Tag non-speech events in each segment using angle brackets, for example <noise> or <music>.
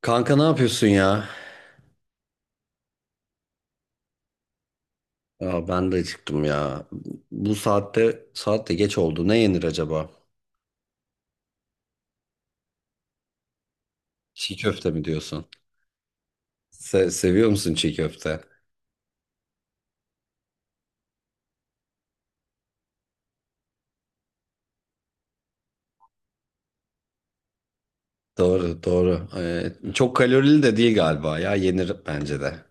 Kanka ne yapıyorsun ya? Ya ben de acıktım ya. Bu saatte geç oldu. Ne yenir acaba? Çiğ köfte mi diyorsun? Seviyor musun çiğ köfte? Doğru, doğru. Çok kalorili de değil galiba ya. Yenir bence de.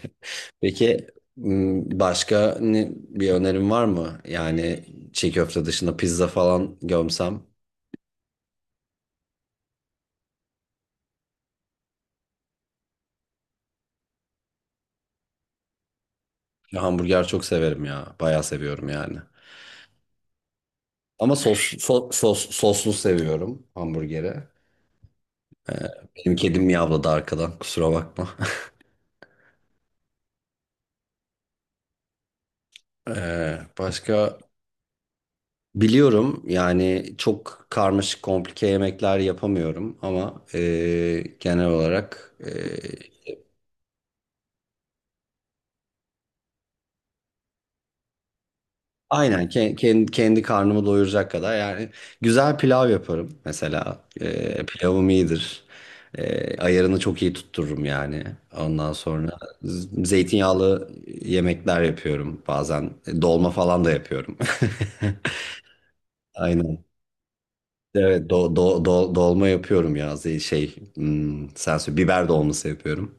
<laughs> Peki başka bir önerim var mı? Yani çiğ köfte dışında pizza falan gömsem. Hamburger çok severim ya. Bayağı seviyorum yani. Ama soslu seviyorum hamburgeri. Benim kedim miyavladı arkadan kusura bakma. <laughs> Başka. Biliyorum yani çok karmaşık komplike yemekler yapamıyorum ama genel olarak kendi karnımı doyuracak kadar yani güzel pilav yaparım mesela. Pilavım iyidir. Ayarını çok iyi tuttururum yani. Ondan sonra zeytinyağlı yemekler yapıyorum bazen. Dolma falan da yapıyorum. <laughs> Aynen. Evet, dolma yapıyorum ya. Zey- şey hmm, sen söyle Biber dolması yapıyorum.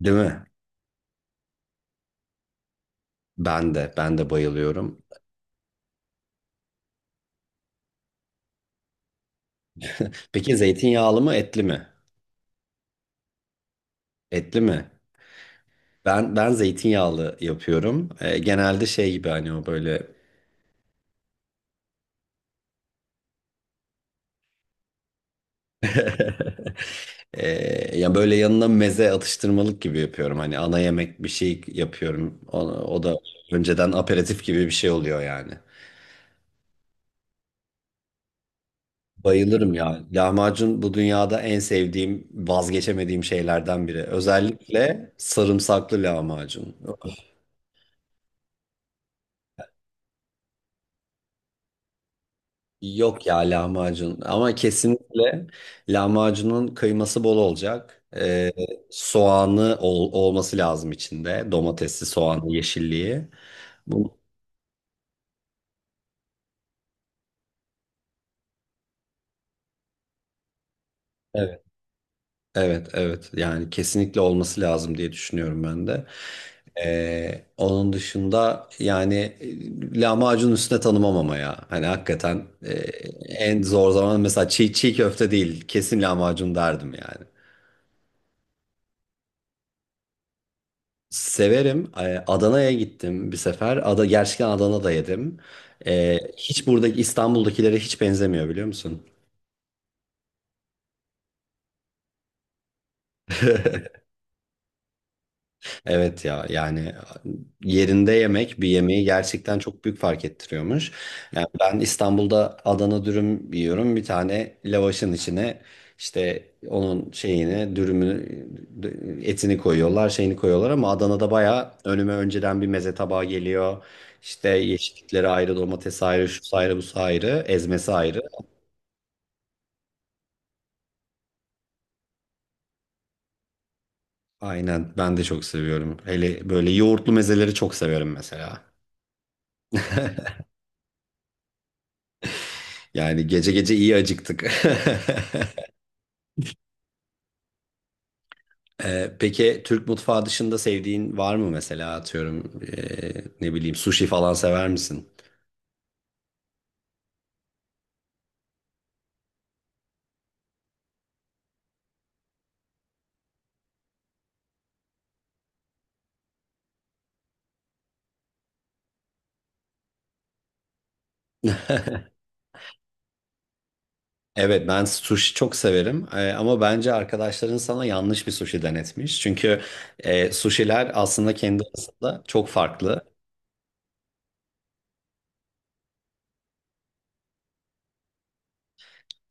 Değil mi? Ben de bayılıyorum. Peki zeytinyağlı mı etli mi? Etli mi? Ben zeytinyağlı yapıyorum. Genelde şey gibi hani o böyle. <laughs> Ya böyle yanına meze atıştırmalık gibi yapıyorum. Hani ana yemek bir şey yapıyorum. O da önceden aperatif gibi bir şey oluyor yani. Bayılırım ya. Lahmacun bu dünyada en sevdiğim, vazgeçemediğim şeylerden biri. Özellikle sarımsaklı lahmacun. Yok ya, lahmacun. Ama kesinlikle lahmacunun kıyması bol olacak. Soğanı olması lazım içinde. Domatesli, soğanlı, yeşilliği. Bu, evet. Evet, evet. Yani kesinlikle olması lazım diye düşünüyorum ben de. Onun dışında yani lahmacun üstüne tanımam ama ya. Hani hakikaten en zor zaman mesela çiğ köfte değil, kesin lahmacun derdim yani. Severim. Adana'ya gittim bir sefer. Gerçekten Adana'da yedim. Hiç buradaki İstanbul'dakilere hiç benzemiyor biliyor musun? Evet ya, yani yerinde yemek bir yemeği gerçekten çok büyük fark ettiriyormuş. Yani ben İstanbul'da Adana dürüm yiyorum. Bir tane lavaşın içine işte onun şeyini, dürümünü, etini koyuyorlar, şeyini koyuyorlar ama Adana'da bayağı önüme önceden bir meze tabağı geliyor. İşte yeşillikleri ayrı, domates ayrı, şu ayrı, bu ayrı, ezmesi ayrı. Aynen, ben de çok seviyorum. Hele böyle yoğurtlu mezeleri çok severim mesela. Yani gece gece iyi acıktık. <laughs> Peki Türk mutfağı dışında sevdiğin var mı mesela? Atıyorum ne bileyim, sushi falan sever misin? Evet, ben sushi çok severim. Ama bence arkadaşların sana yanlış bir sushi denetmiş. Çünkü sushiler aslında kendi arasında çok farklı.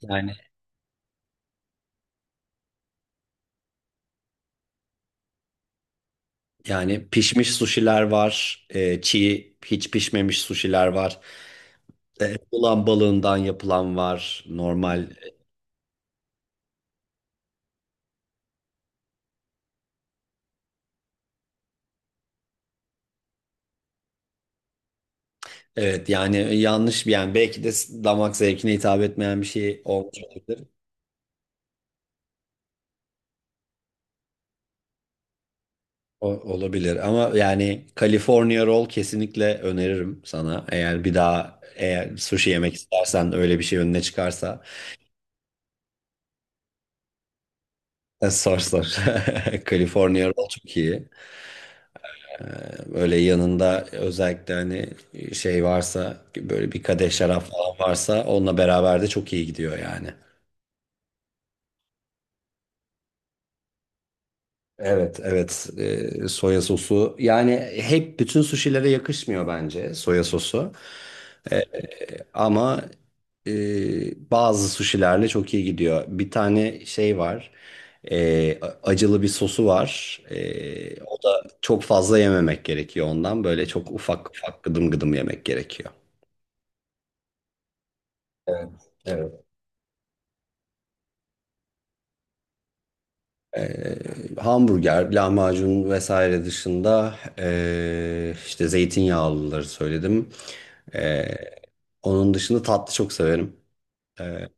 Yani yani pişmiş sushiler var, çiğ hiç pişmemiş sushiler var. Ulan balığından yapılan var normal. Evet yani yanlış bir, yani belki de damak zevkine hitap etmeyen bir şey olmuş olabilir. Olabilir ama yani California Roll kesinlikle öneririm sana. Eğer bir daha eğer sushi yemek istersen, öyle bir şey önüne çıkarsa. <laughs> Sor, sor. <laughs> California Roll çok iyi. Ee, Böyle yanında özellikle hani şey varsa, böyle bir kadeh şarap falan varsa onunla beraber de çok iyi gidiyor yani. Evet, evet. Soya sosu yani hep bütün suşilere yakışmıyor bence soya sosu. Ama bazı suşilerle çok iyi gidiyor. Bir tane şey var. Acılı bir sosu var. O da çok fazla yememek gerekiyor ondan. Böyle çok ufak ufak, gıdım gıdım yemek gerekiyor. Evet, evet. Hamburger, lahmacun vesaire dışında işte zeytinyağlıları söyledim. E, Onun dışında tatlı çok severim. E,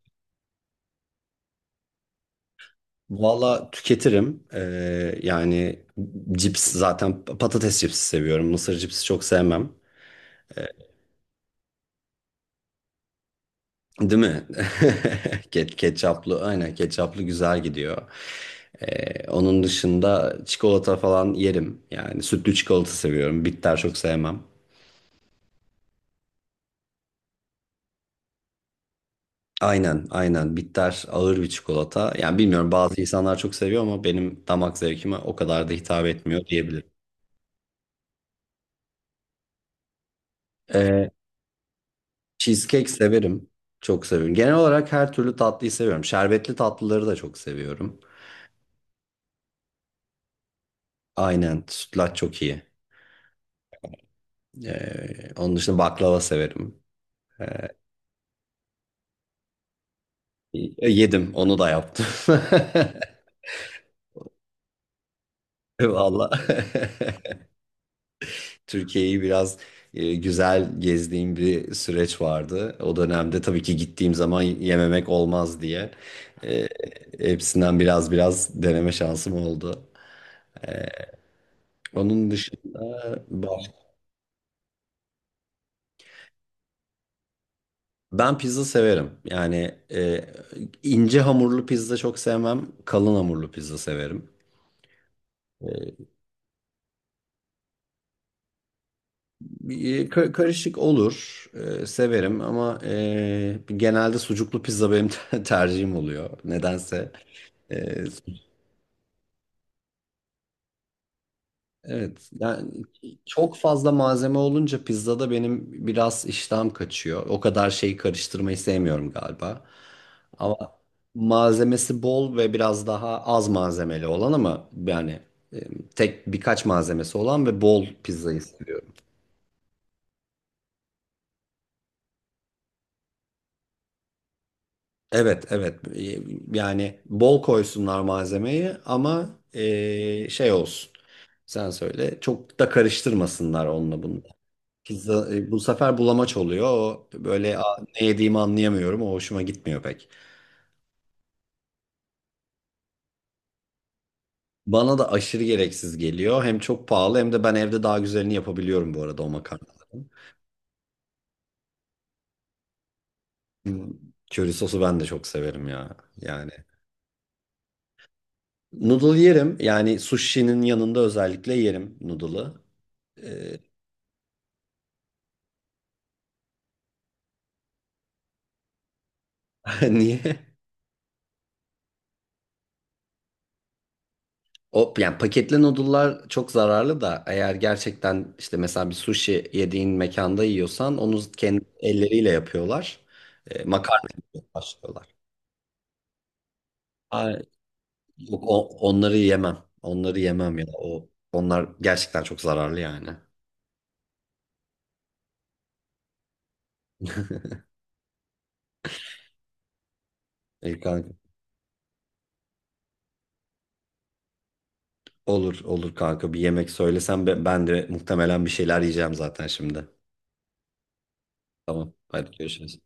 Valla tüketirim. Yani cips, zaten patates cipsi seviyorum. Mısır cipsi çok sevmem. Değil mi? <laughs> Ketçaplı, aynen, ketçaplı güzel gidiyor. Onun dışında çikolata falan yerim. Yani sütlü çikolata seviyorum. Bitter çok sevmem. Aynen, aynen, bitter ağır bir çikolata. Yani bilmiyorum, bazı insanlar çok seviyor ama benim damak zevkime o kadar da hitap etmiyor diyebilirim. Cheesecake severim. Çok seviyorum. Genel olarak her türlü tatlıyı seviyorum. Şerbetli tatlıları da çok seviyorum. Aynen. Sütlaç çok iyi. Onun dışında baklava severim. E, Yedim, onu da yaptım. <laughs> Vallahi <laughs> Türkiye'yi biraz güzel gezdiğim bir süreç vardı. O dönemde tabii ki gittiğim zaman yememek olmaz diye e, hepsinden biraz biraz deneme şansım oldu. Onun dışında ben pizza severim. Yani ince hamurlu pizza çok sevmem. Kalın hamurlu pizza severim. E, Karışık olur. Severim ama genelde sucuklu pizza benim <laughs> tercihim oluyor. Nedense. E, evet. Yani çok fazla malzeme olunca pizzada benim biraz iştahım kaçıyor. O kadar şeyi karıştırmayı sevmiyorum galiba. Ama malzemesi bol ve biraz daha az malzemeli olan, ama yani e, tek birkaç malzemesi olan ve bol pizzayı seviyorum. Evet, evet. Yani bol koysunlar malzemeyi ama şey olsun, sen söyle çok da karıştırmasınlar onunla bunu. Pizza bu sefer bulamaç oluyor, o böyle. "Aa, ne yediğimi anlayamıyorum, o hoşuma gitmiyor pek." Bana da aşırı gereksiz geliyor, hem çok pahalı hem de ben evde daha güzelini yapabiliyorum bu arada o makarna. Hmm, köri sosu ben de çok severim ya. Yani noodle yerim. Yani sushi'nin yanında özellikle yerim noodle'ı. Ee, <laughs> Niye? O yani paketli noodle'lar çok zararlı da, eğer gerçekten işte mesela bir sushi yediğin mekanda yiyorsan onu kendi elleriyle yapıyorlar. Makarna yapıyor, başlıyorlar. Ay, yok, onları yemem. Onları yemem ya. Onlar gerçekten çok zararlı yani. İlkan, olur olur kanka, bir yemek söylesen ben de muhtemelen bir şeyler yiyeceğim zaten şimdi. Tamam, hadi görüşürüz.